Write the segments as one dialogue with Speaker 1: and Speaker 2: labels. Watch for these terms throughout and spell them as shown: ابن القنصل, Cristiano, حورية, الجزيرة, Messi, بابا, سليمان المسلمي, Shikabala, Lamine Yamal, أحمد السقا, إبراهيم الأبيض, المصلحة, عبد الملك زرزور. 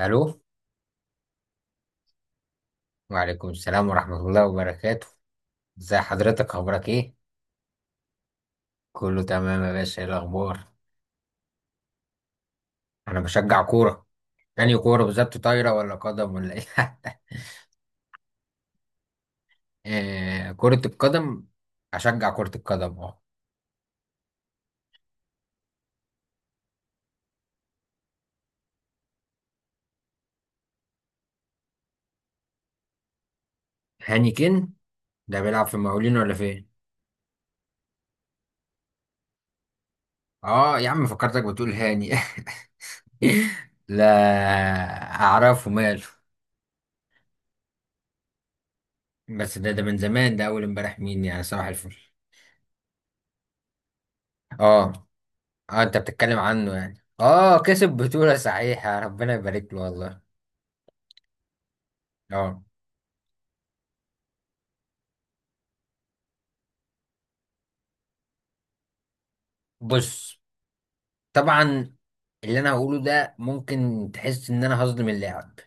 Speaker 1: الو. وعليكم السلام ورحمة الله وبركاته. ازي حضرتك، اخبارك ايه؟ كله تمام يا باشا، ايه الاخبار؟ انا بشجع كورة. يعني كورة بالظبط طايرة ولا قدم ولا ايه؟ آه، كرة القدم. اشجع كرة القدم، اه. هاني كين؟ ده بيلعب في المقاولين ولا فين؟ اه يا عم، فكرتك بتقول هاني. لا. اعرفه ماله. بس ده من زمان، ده اول امبارح، مين يعني؟ صباح الفل. اه. اه، انت بتتكلم عنه؟ يعني كسب بطولة، صحيح، يا ربنا يبارك له والله. اه، بص، طبعا اللي انا هقوله ده ممكن تحس ان انا هظلم اللاعب.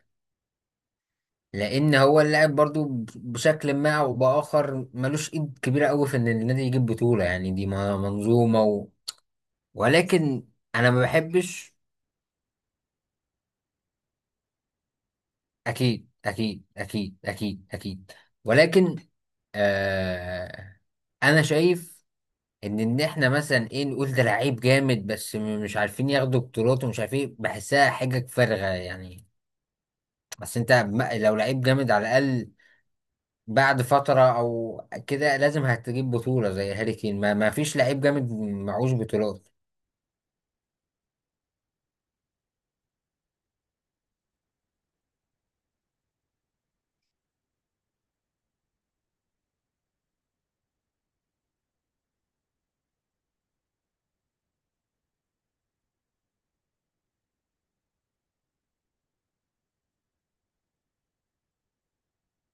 Speaker 1: لان هو اللاعب برضو بشكل ما او باخر ملوش ايد كبيرة قوي في ان النادي يجيب بطولة، يعني دي منظومة. ولكن انا ما بحبش. اكيد اكيد اكيد اكيد اكيد. ولكن آه انا شايف ان احنا مثلا ايه نقول ده لعيب جامد، بس مش عارفين ياخدوا بطولات، ومش عارفين إيه، بحسها حاجة فارغة يعني. بس انت لو لعيب جامد، على الاقل بعد فترة او كده لازم هتجيب بطولة، زي هاري كين، ما فيش لعيب جامد معهوش بطولات.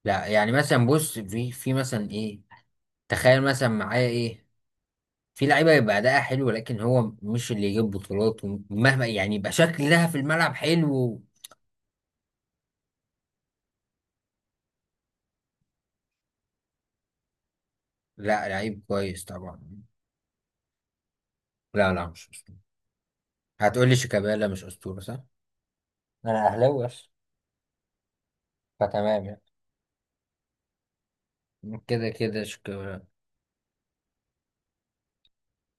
Speaker 1: لا، يعني مثلا بص، في مثلا ايه تخيل مثلا معايا ايه؟ في لعيبة يبقى أداءها حلو لكن هو مش اللي يجيب بطولات، ومهما يعني يبقى شكلها في الملعب حلو. لا، لعيب كويس طبعا. لا لا، مش هتقولي شيكابالا مش اسطوره؟ صح. انا اهلاوي بس. فتمام يعني. كده كده شيكابالا.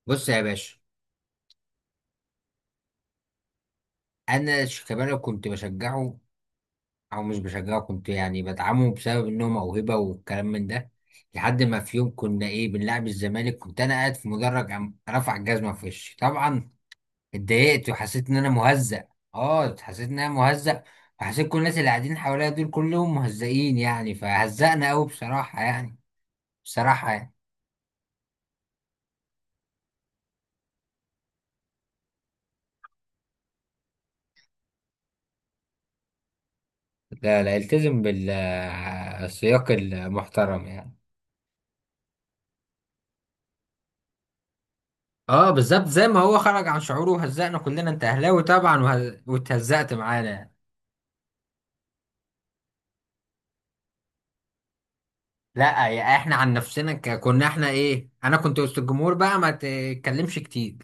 Speaker 1: بص يا باشا، انا شيكابالا كنت بشجعه، او مش بشجعه، كنت يعني بدعمه بسبب انه موهبه والكلام من ده. لحد ما في يوم كنا ايه بنلعب الزمالك، كنت انا قاعد في مدرج قام رفع الجزمه في وشي طبعا. اتضايقت وحسيت ان انا مهزأ. اه، حسيت ان انا مهزأ. وحسيت كل الناس اللي قاعدين حواليا دول كلهم مهزئين يعني، فهزأنا قوي بصراحه يعني. بصراحه يعني. لا لا، التزم بالسياق المحترم يعني. اه، بالظبط، زي ما هو خرج عن شعوره وهزقنا كلنا، انت اهلاوي طبعا واتهزقت معانا. لا، يا احنا عن نفسنا كنا احنا ايه، انا كنت وسط الجمهور بقى، ما تتكلمش كتير.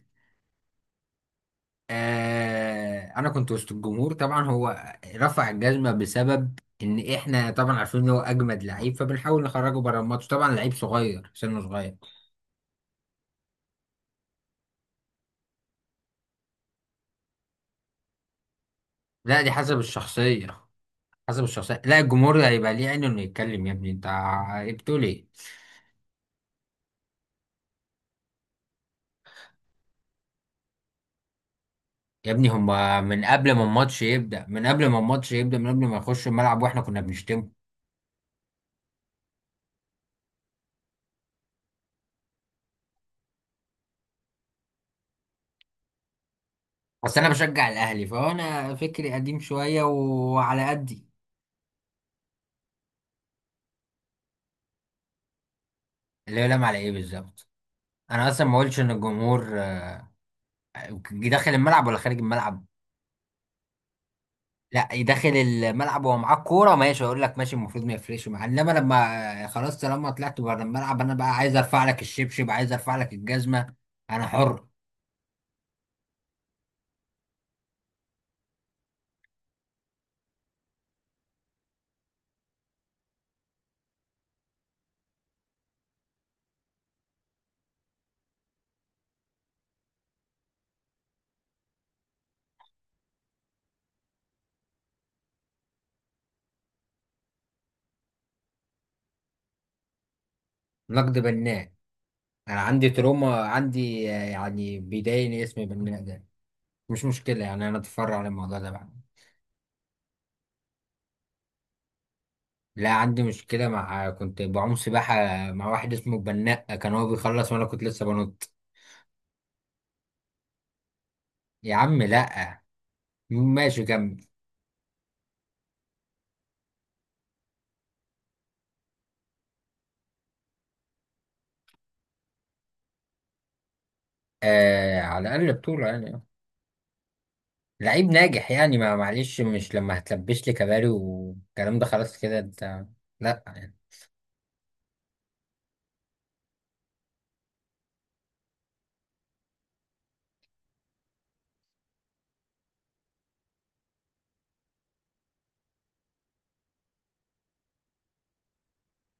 Speaker 1: آه، انا كنت وسط الجمهور، طبعا هو رفع الجزمة بسبب ان احنا طبعا عارفين ان هو اجمد لعيب، فبنحاول نخرجه بره الماتش، طبعا لعيب صغير سنه صغير. لا، دي حسب الشخصية. حسب الشخصية، لا الجمهور هيبقى ليه عينه انه يتكلم، يا ابني انت بتقول ايه؟ يا ابني، هما من قبل ما الماتش يبدأ، من قبل ما الماتش يبدأ، من قبل ما يخش الملعب واحنا كنا بنشتمه. بس انا بشجع الاهلي فانا فكري قديم شوية وعلى قدي. اللي هو لام على ايه بالظبط؟ انا اصلا ما قلتش ان الجمهور داخل الملعب ولا خارج الملعب. لا، يدخل الملعب وهو معاه الكورة ماشي، اقول لك ماشي، المفروض ما يفرقش معاه، انما لما خلاص طالما طلعت بره الملعب انا بقى عايز ارفع لك الشبشب، عايز ارفع لك الجزمة. انا حر. نقد بناء. انا عندي تروما، عندي يعني بيضايقني اسم بناء ده. مش مشكله يعني، انا اتفرع على الموضوع ده بعد. لا، عندي مشكله، مع كنت بعوم سباحه مع واحد اسمه بناء، كان هو بيخلص وانا كنت لسه بنط. يا عم لا. ماشي كمل. آه، على الاقل بطوله يعني. لعيب ناجح يعني، ما معلش، مش لما هتلبش لي كباري والكلام ده، خلاص كده انت. لا.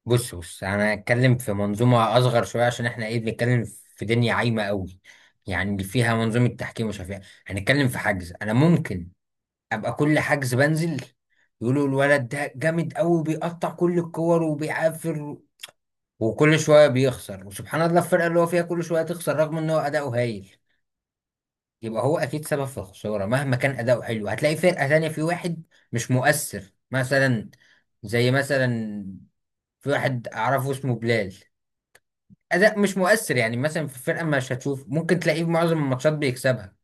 Speaker 1: بص بص، انا هتكلم في منظومه اصغر شويه، عشان احنا ايه بنتكلم في دنيا عايمه قوي، يعني اللي فيها منظومه تحكيم ومش عارف ايه. هنتكلم في حجز، انا ممكن ابقى كل حجز بنزل يقولوا الولد ده جامد قوي بيقطع كل الكور وبيعافر، وكل شويه بيخسر، وسبحان الله الفرقه اللي هو فيها كل شويه تخسر، رغم ان هو اداؤه هايل. يبقى هو اكيد سبب في الخساره، مهما كان اداؤه حلو هتلاقي فرقه تانية في واحد مش مؤثر مثلا. زي مثلا في واحد اعرفه اسمه بلال، اداء مش مؤثر، يعني مثلا في الفرقه مش هتشوف، ممكن تلاقيه في معظم الماتشات بيكسبها.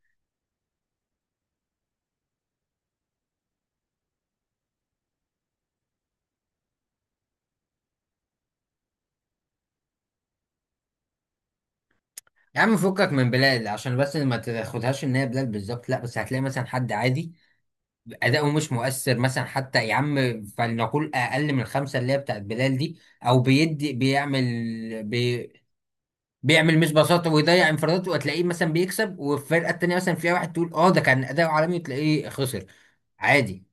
Speaker 1: يا عم فكك من بلال عشان بس ما تاخدهاش ان هي بلال بالظبط، لا بس هتلاقي مثلا حد عادي اداؤه مش مؤثر مثلا، حتى يا عم فلنقول اقل من الخمسه اللي هي بتاعت بلال دي، او بيدي بيعمل بي بيعمل مش بساطه ويضيع انفراداته، وتلاقيه مثلا بيكسب، والفرقه التانيه مثلا فيها واحد تقول ده كان اداؤه عالمي، وتلاقيه خسر. عادي.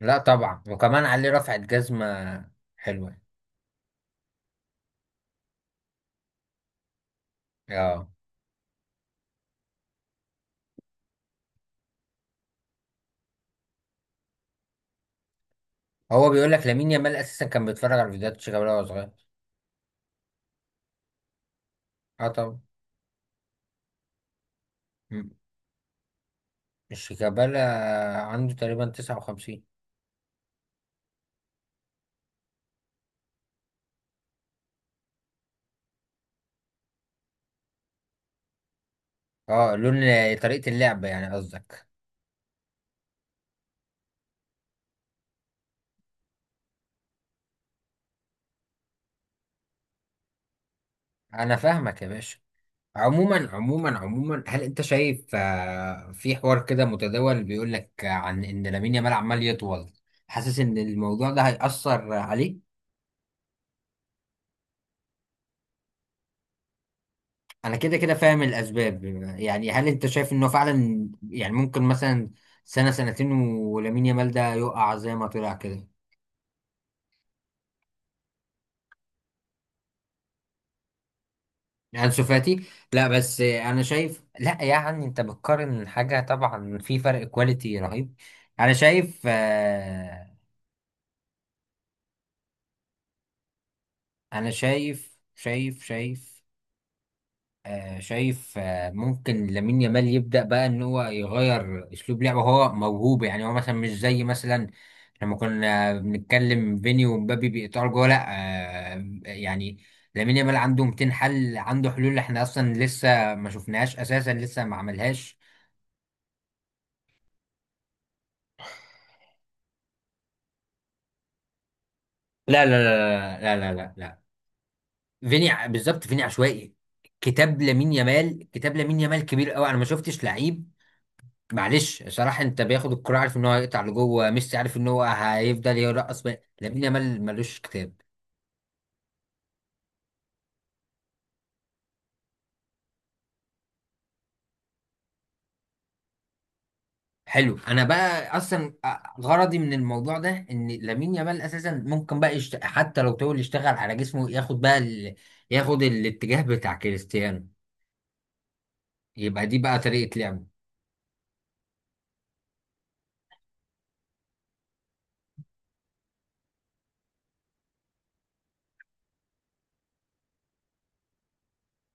Speaker 1: لا طبعا، وكمان عليه رفعت جزمه حلوه. اه، هو بيقول لك لامين يامال اساسا كان بيتفرج على فيديوهات شيكابالا وهو صغير. اه طبعا. مم. شيكابالا عنده تقريبا 59. اه، لون، طريقة اللعب يعني قصدك. انا فاهمك يا باشا. عموما عموما عموما، هل انت شايف في حوار كده متداول بيقول لك عن ان لامين يامال عمال يطول، حاسس ان الموضوع ده هيأثر عليه؟ انا كده كده فاهم الاسباب. يعني هل انت شايف انه فعلا يعني ممكن مثلا سنة سنتين ولامين يامال ده يقع زي ما طلع كده؟ انسو فاتي. لا بس انا شايف، لا يعني انت بتقارن حاجه طبعا في فرق كواليتي رهيب. انا شايف. انا شايف شايف شايف. شايف، ممكن لامين يامال يبدا بقى ان هو يغير اسلوب لعبه، هو موهوب يعني، هو مثلا مش زي مثلا لما كنا بنتكلم فيني ومبابي بيقطعوا جوه، لا. يعني لامين يامال عنده 200 حل، عنده حلول احنا اصلا لسه ما شفناهاش اساسا، لسه ما عملهاش. لا لا لا لا لا لا لا لا. فيني بالظبط فيني عشوائي. كتاب لامين يامال، كتاب لامين يامال كبير قوي، انا ما شفتش لعيب، معلش صراحة، انت بياخد الكرة عارف ان هو هيقطع لجوه، ميسي عارف ان هو هيفضل يرقص بقى. لامين يامال ملوش كتاب. حلو، انا بقى اصلا غرضي من الموضوع ده ان لامين يامال اساسا ممكن بقى حتى لو طول يشتغل على جسمه، ياخد بقى ياخد الاتجاه بتاع كريستيانو. يبقى دي بقى طريقة لعبه.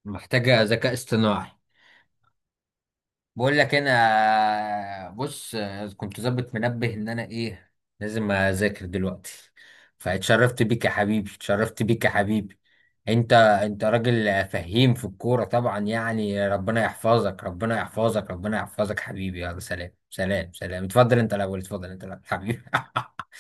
Speaker 1: محتاجة ذكاء اصطناعي. بقول لك، انا بص، كنت ظابط منبه ان انا ايه لازم اذاكر دلوقتي. فاتشرفت بيك يا حبيبي، اتشرفت بيك يا حبيبي. انت راجل فهيم في الكورة طبعا يعني، ربنا يحفظك، ربنا يحفظك، ربنا يحفظك حبيبي، يلا سلام سلام سلام، اتفضل انت الاول، اتفضل انت الاول حبيبي.